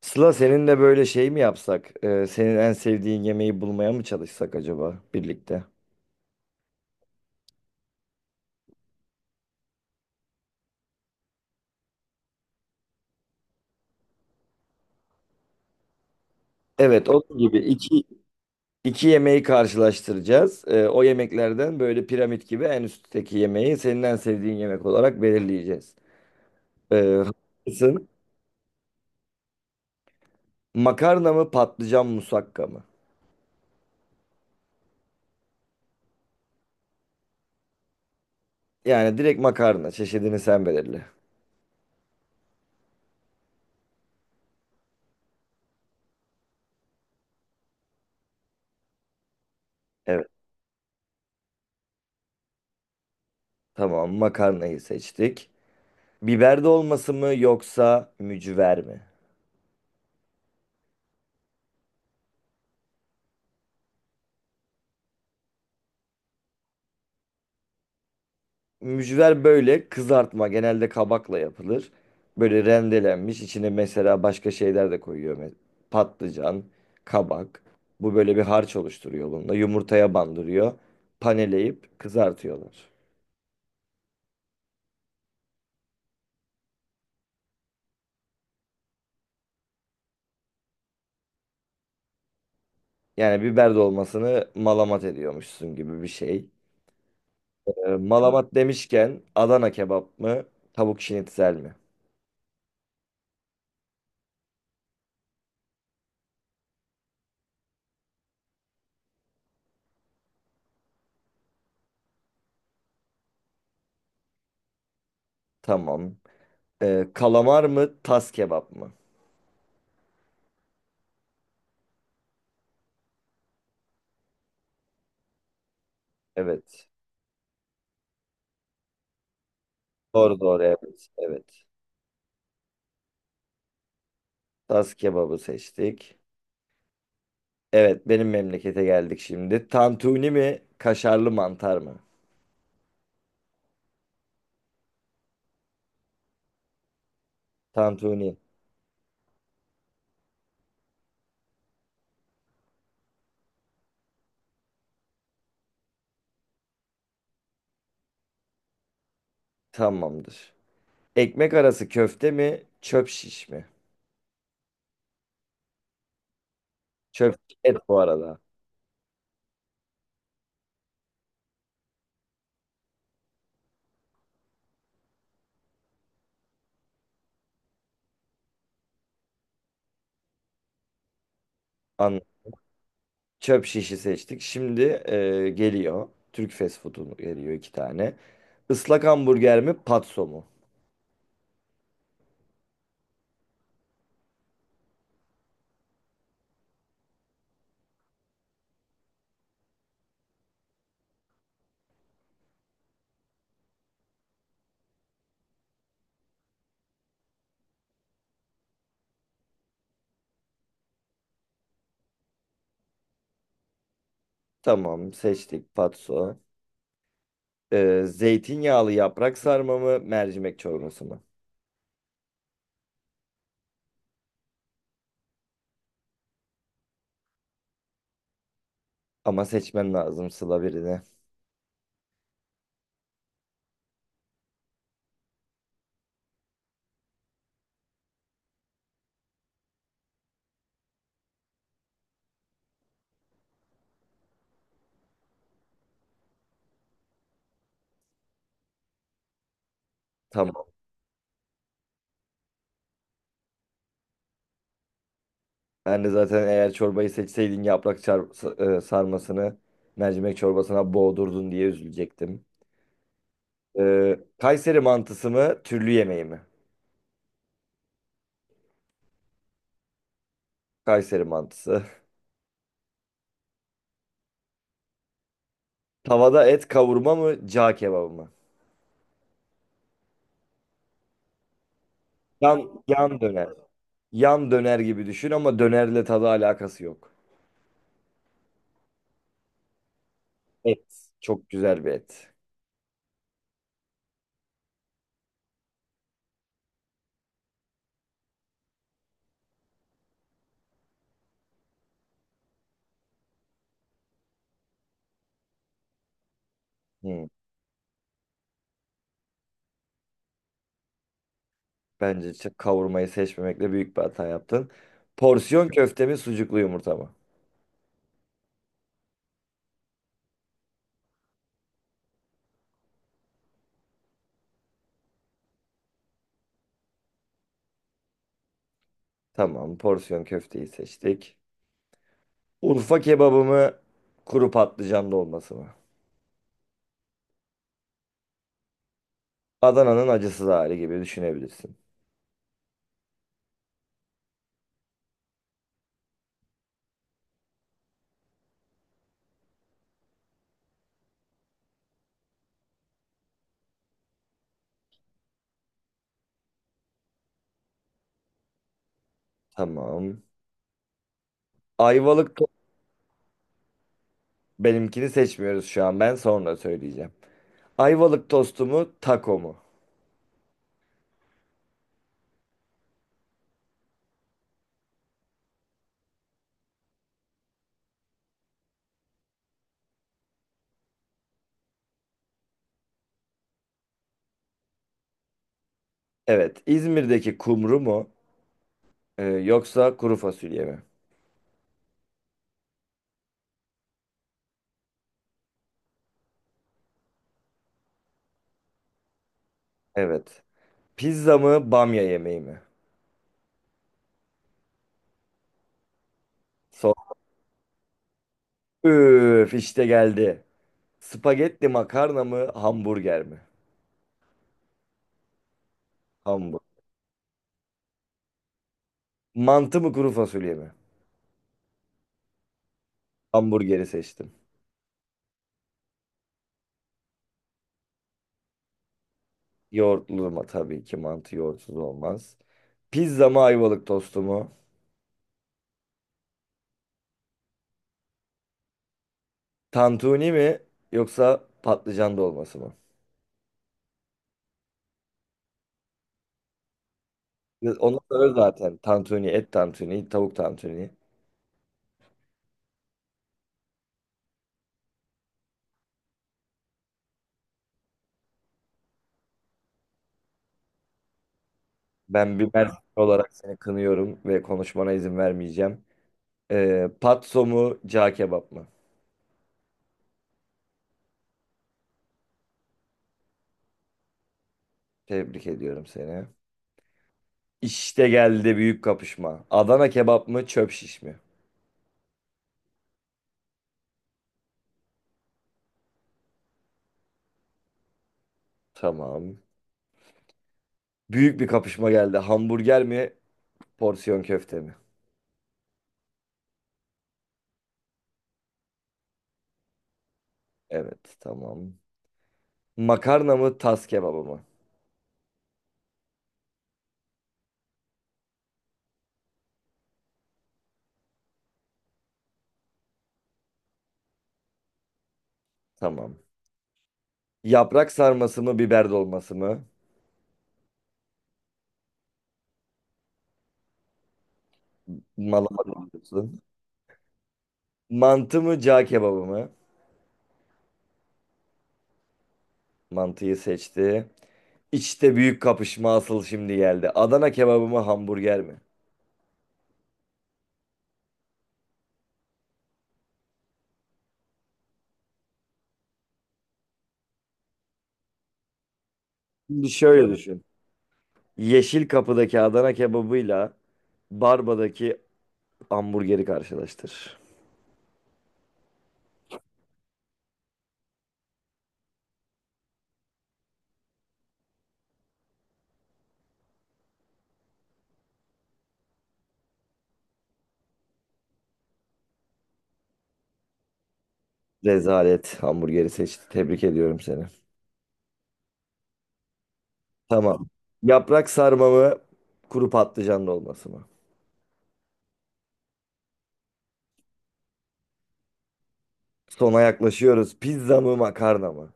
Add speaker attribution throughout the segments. Speaker 1: Sıla, seninle böyle şey mi yapsak? Senin en sevdiğin yemeği bulmaya mı çalışsak acaba birlikte? Evet, onun gibi iki yemeği karşılaştıracağız. O yemeklerden böyle piramit gibi en üstteki yemeği senin en sevdiğin yemek olarak belirleyeceğiz. Ee, Haklısın. Makarna mı patlıcan musakka mı? Yani direkt makarna çeşidini sen belirle. Evet, tamam, makarnayı seçtik. Biber dolması mı yoksa mücver mi? Mücver böyle kızartma, genelde kabakla yapılır. Böyle rendelenmiş, içine mesela başka şeyler de koyuyor. Patlıcan, kabak. Bu böyle bir harç oluşturuyor bununla. Yumurtaya bandırıyor. Paneleyip kızartıyorlar. Yani biber dolmasını malamat ediyormuşsun gibi bir şey. Malamat demişken, Adana kebap mı? Tavuk şinitzel mi? Tamam. Kalamar mı? Tas kebap mı? Evet. Doğru doğru, evet. Evet. Tas kebabı seçtik. Evet, benim memlekete geldik şimdi. Tantuni mi, kaşarlı mantar mı? Tantuni. Tamamdır. Ekmek arası köfte mi, çöp şiş mi? Çöp et bu arada. An Çöp şişi seçtik. Şimdi geliyor. Türk fast food'u geliyor iki tane. Islak hamburger mi, patso mu? Tamam, seçtik patso. E, zeytinyağlı yaprak sarma mı, mercimek çorbası mı? Ama seçmen lazım Sıla, birini. Tamam. Ben de zaten eğer çorbayı seçseydin yaprak çar- sa- e, sarmasını mercimek çorbasına boğdurdun diye üzülecektim. Kayseri mantısı mı, türlü yemeği mi? Kayseri mantısı. Tavada et kavurma mı, cağ kebabı mı? Yan döner. Yan döner gibi düşün ama dönerle tadı alakası yok. Et. Çok güzel bir et. Hmm. Bence kavurmayı seçmemekle büyük bir hata yaptın. Porsiyon köfte mi, sucuklu yumurta mı? Tamam, porsiyon köfteyi seçtik. Urfa kebabı mı, kuru patlıcanlı dolması mı? Adana'nın acısız hali gibi düşünebilirsin. Tamam. Ayvalık to- Benimkini seçmiyoruz şu an. Ben sonra söyleyeceğim. Ayvalık tostu mu, taco mu? Evet. İzmir'deki kumru mu, yoksa kuru fasulye mi? Evet. Pizza mı, bamya yemeği mi? Son. Üf, işte geldi. Spagetti makarna mı, hamburger mi? Hamburger. Mantı mı, kuru fasulye mi? Hamburgeri seçtim. Yoğurtlu mu? Tabii ki mantı yoğurtsuz olmaz. Pizza mı, ayvalık tostu mu? Tantuni mi yoksa patlıcan dolması mı? Onu söyle zaten. Tantuni, et tantuni, tavuk tantuni. Ben bir Mersin olarak seni kınıyorum ve konuşmana izin vermeyeceğim. Patso mu, cağ kebap mı? Tebrik ediyorum seni. İşte geldi büyük kapışma. Adana kebap mı, çöp şiş mi? Tamam. Büyük bir kapışma geldi. Hamburger mi, porsiyon köfte mi? Evet, tamam. Makarna mı, tas kebabı mı? Tamam. Yaprak sarması mı, biber dolması mı? Malama diyorsun. Mantı mı, cağ kebabı mı? Mantıyı seçti. İçte büyük kapışma asıl şimdi geldi. Adana kebabı mı, hamburger mi? Şimdi şöyle düşün. Yeşil Kapı'daki Adana kebabıyla Barba'daki hamburgeri karşılaştır. Rezalet hamburgeri seçti. Tebrik ediyorum seni. Tamam. Yaprak sarma mı, kuru patlıcan dolması mı? Sona yaklaşıyoruz. Pizza mı makarna mı?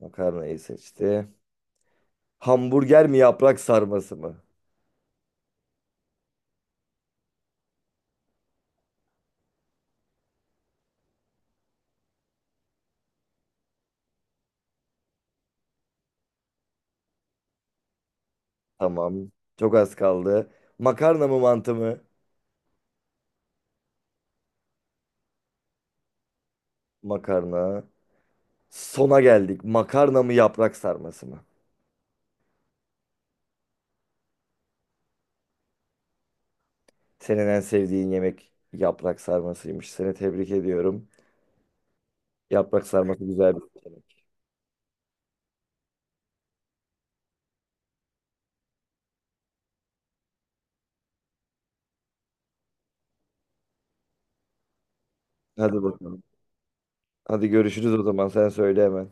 Speaker 1: Makarnayı seçti. Hamburger mi, yaprak sarması mı? Tamam. Çok az kaldı. Makarna mı mantı mı? Makarna. Sona geldik. Makarna mı yaprak sarması mı? Senin en sevdiğin yemek yaprak sarmasıymış. Seni tebrik ediyorum. Yaprak sarması güzel bir yemek. Hadi bakalım. Hadi görüşürüz o zaman. Sen söyle hemen.